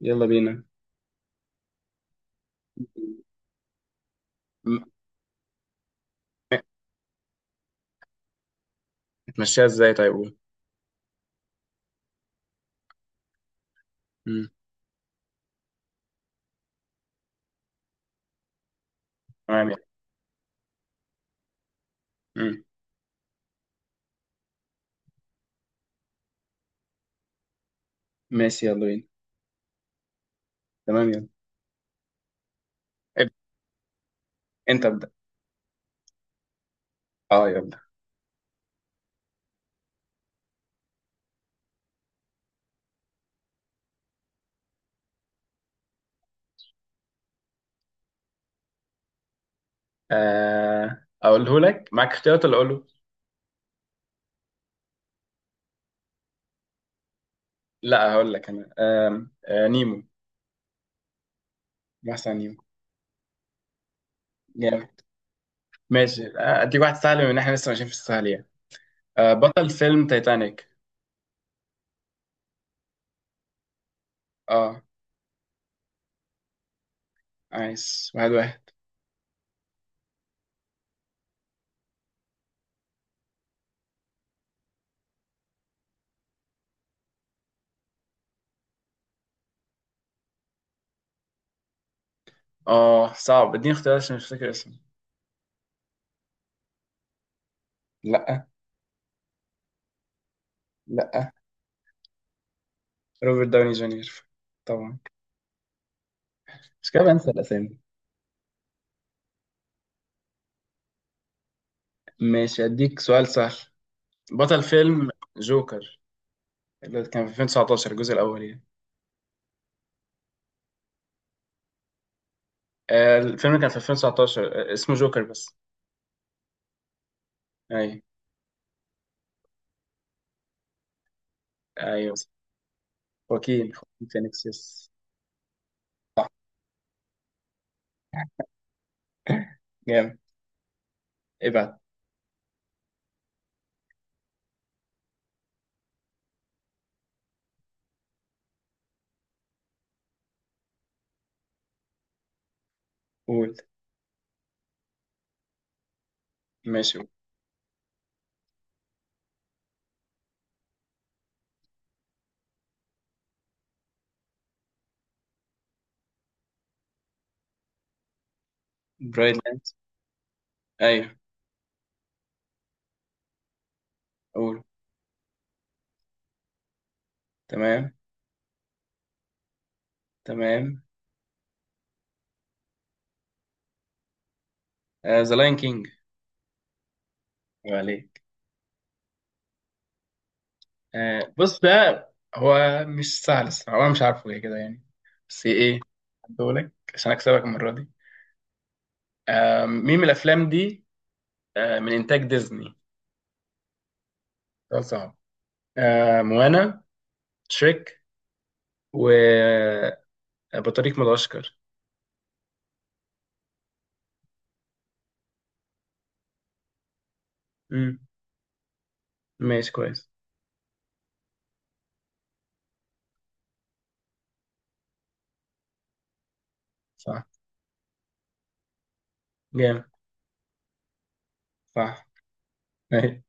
يلا بينا. م- هتمشيها ازاي طيب قول؟ مم. تمام يلا. مم. ماشي يلا بينا. تمام يلا. ابدأ. انت ابدأ. اه يلا. آه اقوله لك معاك اختيارات ولا اقوله؟ لا، هقول لك انا. آم، آه نيمو. محسن نيمو. جامد. ماشي. اديك واحد سهل بما ان احنا لسه ماشيين في السهل يعني. آه بطل فيلم تايتانيك. اه عايز واحد واحد. اه صعب، اديني اختيارات عشان مش فاكر اسمه. لا. لا. روبرت داوني جونيور. طبعا. مش كده بنسى الاسامي. ماشي أديك سؤال سهل. بطل فيلم جوكر اللي كان في 2019 الجزء الأول يعني. الفيلم كان في 2019، اسمه جوكر بس. أيوه. أيوه. خواكين خواكين فينيكس يس. صح، جامد. ابعت. قول. ماشي قول. برايد لاند. أيوه. قول. تمام. تمام. ذا لاين كينج. عليك. بص ده هو مش سهل الصراحة، أنا مش عارفه إيه كده يعني. بس إيه، هديهولك عشان أكسبك المرة دي. مين من الأفلام دي من إنتاج ديزني؟ ده صعب. موانا، شريك، وبطريق مدغشقر. مم. ماشي كويس. صح. جامد. صح. أيوة.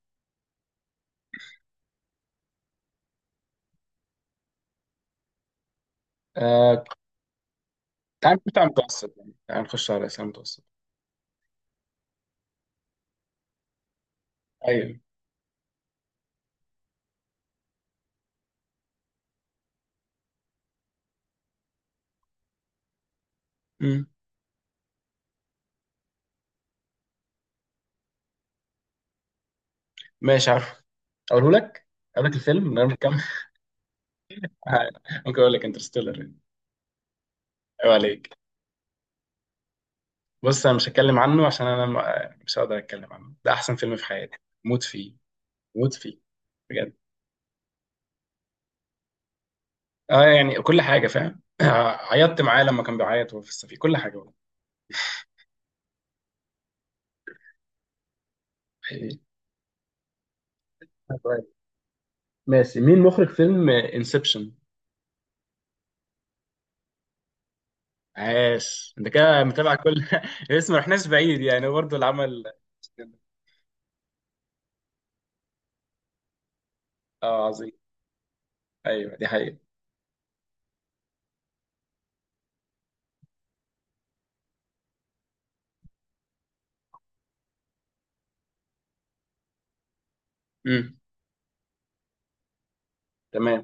آه، تعال نخش على المتوسط يعني، تعال نخش على الأسئلة المتوسط. أيوه. مم. ماشي عارف. أقوله لك. أقول لك الفيلم من غير ما تكمل. ممكن أقول لك انترستيلر يعني. أيوة عليك. بص أنا مش هتكلم عنه عشان أنا مش هقدر أتكلم عنه، ده أحسن فيلم في حياتي. موت فيه. موت فيه. بجد. اه يعني كل حاجه فاهم. عيطت معاه لما كان بيعيط وهو في السفينه، كل حاجه والله. حقيقي. طيب. ماشي، مين مخرج فيلم انسبشن؟ عاش انت كده متابع كل. اسم، ما رحناش بعيد يعني برضه اللي عمل. اه عظيم. ايوه دي حقيقة. امم تمام.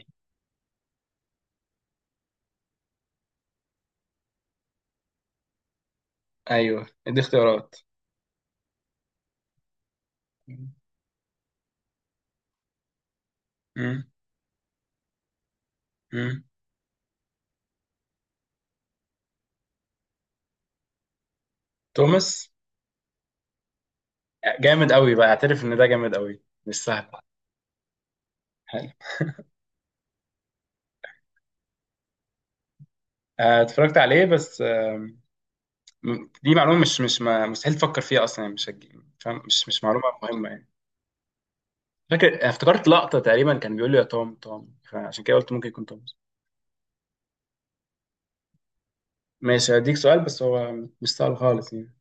ايوه دي اختيارات. امم امم توماس. جامد قوي بقى، اعترف ان ده جامد قوي مش سهل. حلو. اتفرجت عليه بس. دي معلومه، مش مستحيل تفكر فيها اصلا يعني، مش هتجي- فاهم، مش معلومه مهمه يعني. فاكر افتكرت لقطه تقريبا كان بيقول لي يا توم توم، فعشان كده قلت ممكن يكون توم. ماشي هديك سؤال بس هو مش سؤال خالص يعني.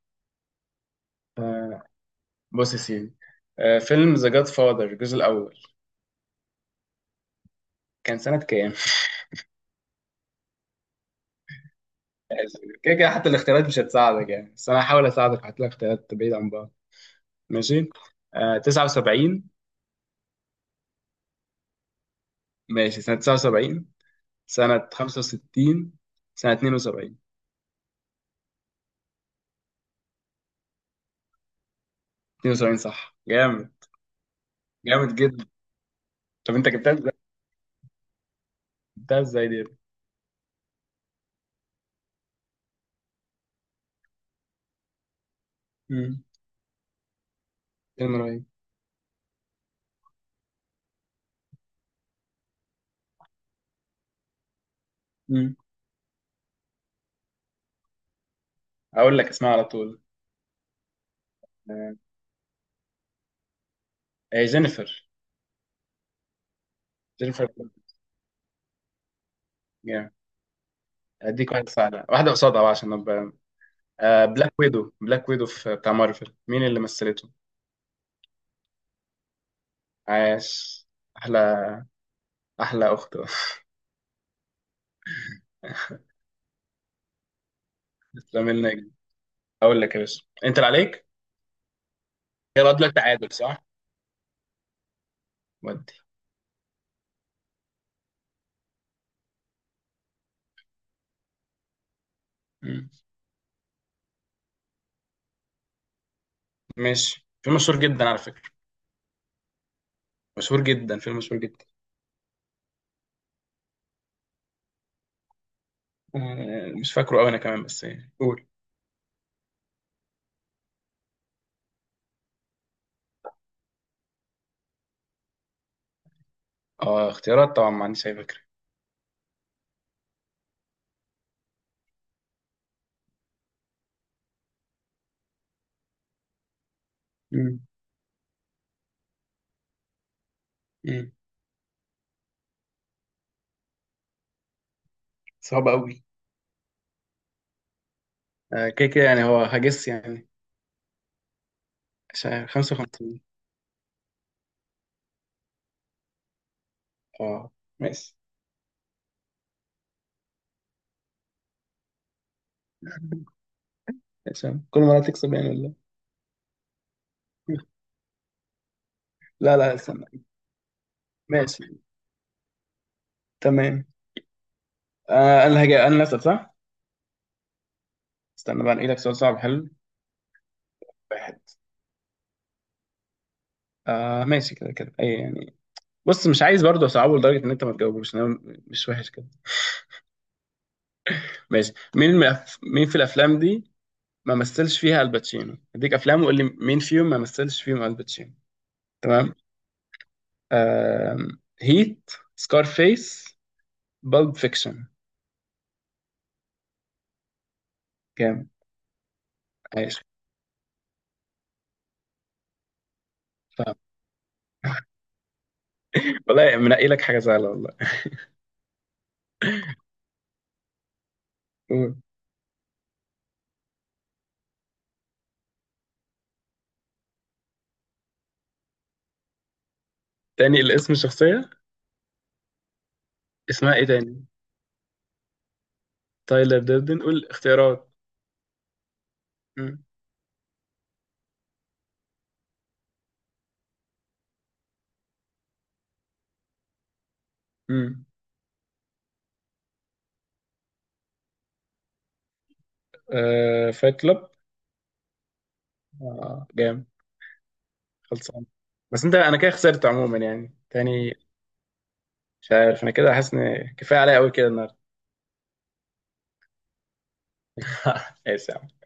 آه، بص يا سيدي، فيلم ذا جاد فاذر الجزء الاول كان سنه كام؟ كده كده حتى الاختيارات مش هتساعدك يعني، بس انا هحاول اساعدك، هات لك اختيارات بعيد عن بعض. ماشي. آه 79. ماشي سنه 79، سنه 65، سنه 72. 72 صح. جامد. جامد جدا. طب انت جبتها ازاي؟ جبتها ازاي دي؟ امم فيلم رهيب. امم اقول لك اسمها على طول. آه، هي جينيفر. جينيفر. جامد. اديك واحده سهله، واحده قصادها بقى عشان ابقى. بلاك ويدو، بلاك ويدو في بتاع مارفل مين اللي مثلته؟ عاش. احلى. احلى اخت. لامين نجم. اقول لك يا باشا انت اللي عليك. يلا دلوقتي تعادل صح؟ ودي. مم. ماشي فيلم مشهور جدا على فكره. مشهور جدا فيلم مشهور جدا. آه، مش فاكره قوي انا كمان بس يعني قول. اه اختيارات طبعا ما عنديش اي فكره. مم. مم. صعب قوي. كده كده يعني هو هجس يعني. عشان 55. اه. ماشي. عشان كل مرة تكسب يعني ولا؟ إيه؟ لا لا استنى. ماشي. تمام. آه انا هجي انا اللي اسال صح. استنى بقى انقي لك سؤال صعب حلو. واحد. آه ماشي كده كده اي يعني. بص مش عايز برضه اصعبه لدرجة ان انت ما تجاوبوش انا. مش وحش كده. ماشي مين مين في الافلام دي ما مثلش فيها الباتشينو؟ اديك افلام وقول لي مين فيهم ما مثلش فيهم الباتشينو. تمام. آه... هيت، سكارفيس، بالب فيكشن. جامد. عايش. فاهم. والله منقي لك حاجه سهله والله. قول. تاني الاسم الشخصيه؟ اسمها ايه تاني؟ تايلر دردن قول اختيارات. مم. مم. آه فايت كلاب. آه جامد. خلصان. بس انت انا كده خسرت عموما يعني تاني. مش عارف انا كده حاسس ان كفايه عليا قوي كده النهارده. ماشي يا عم.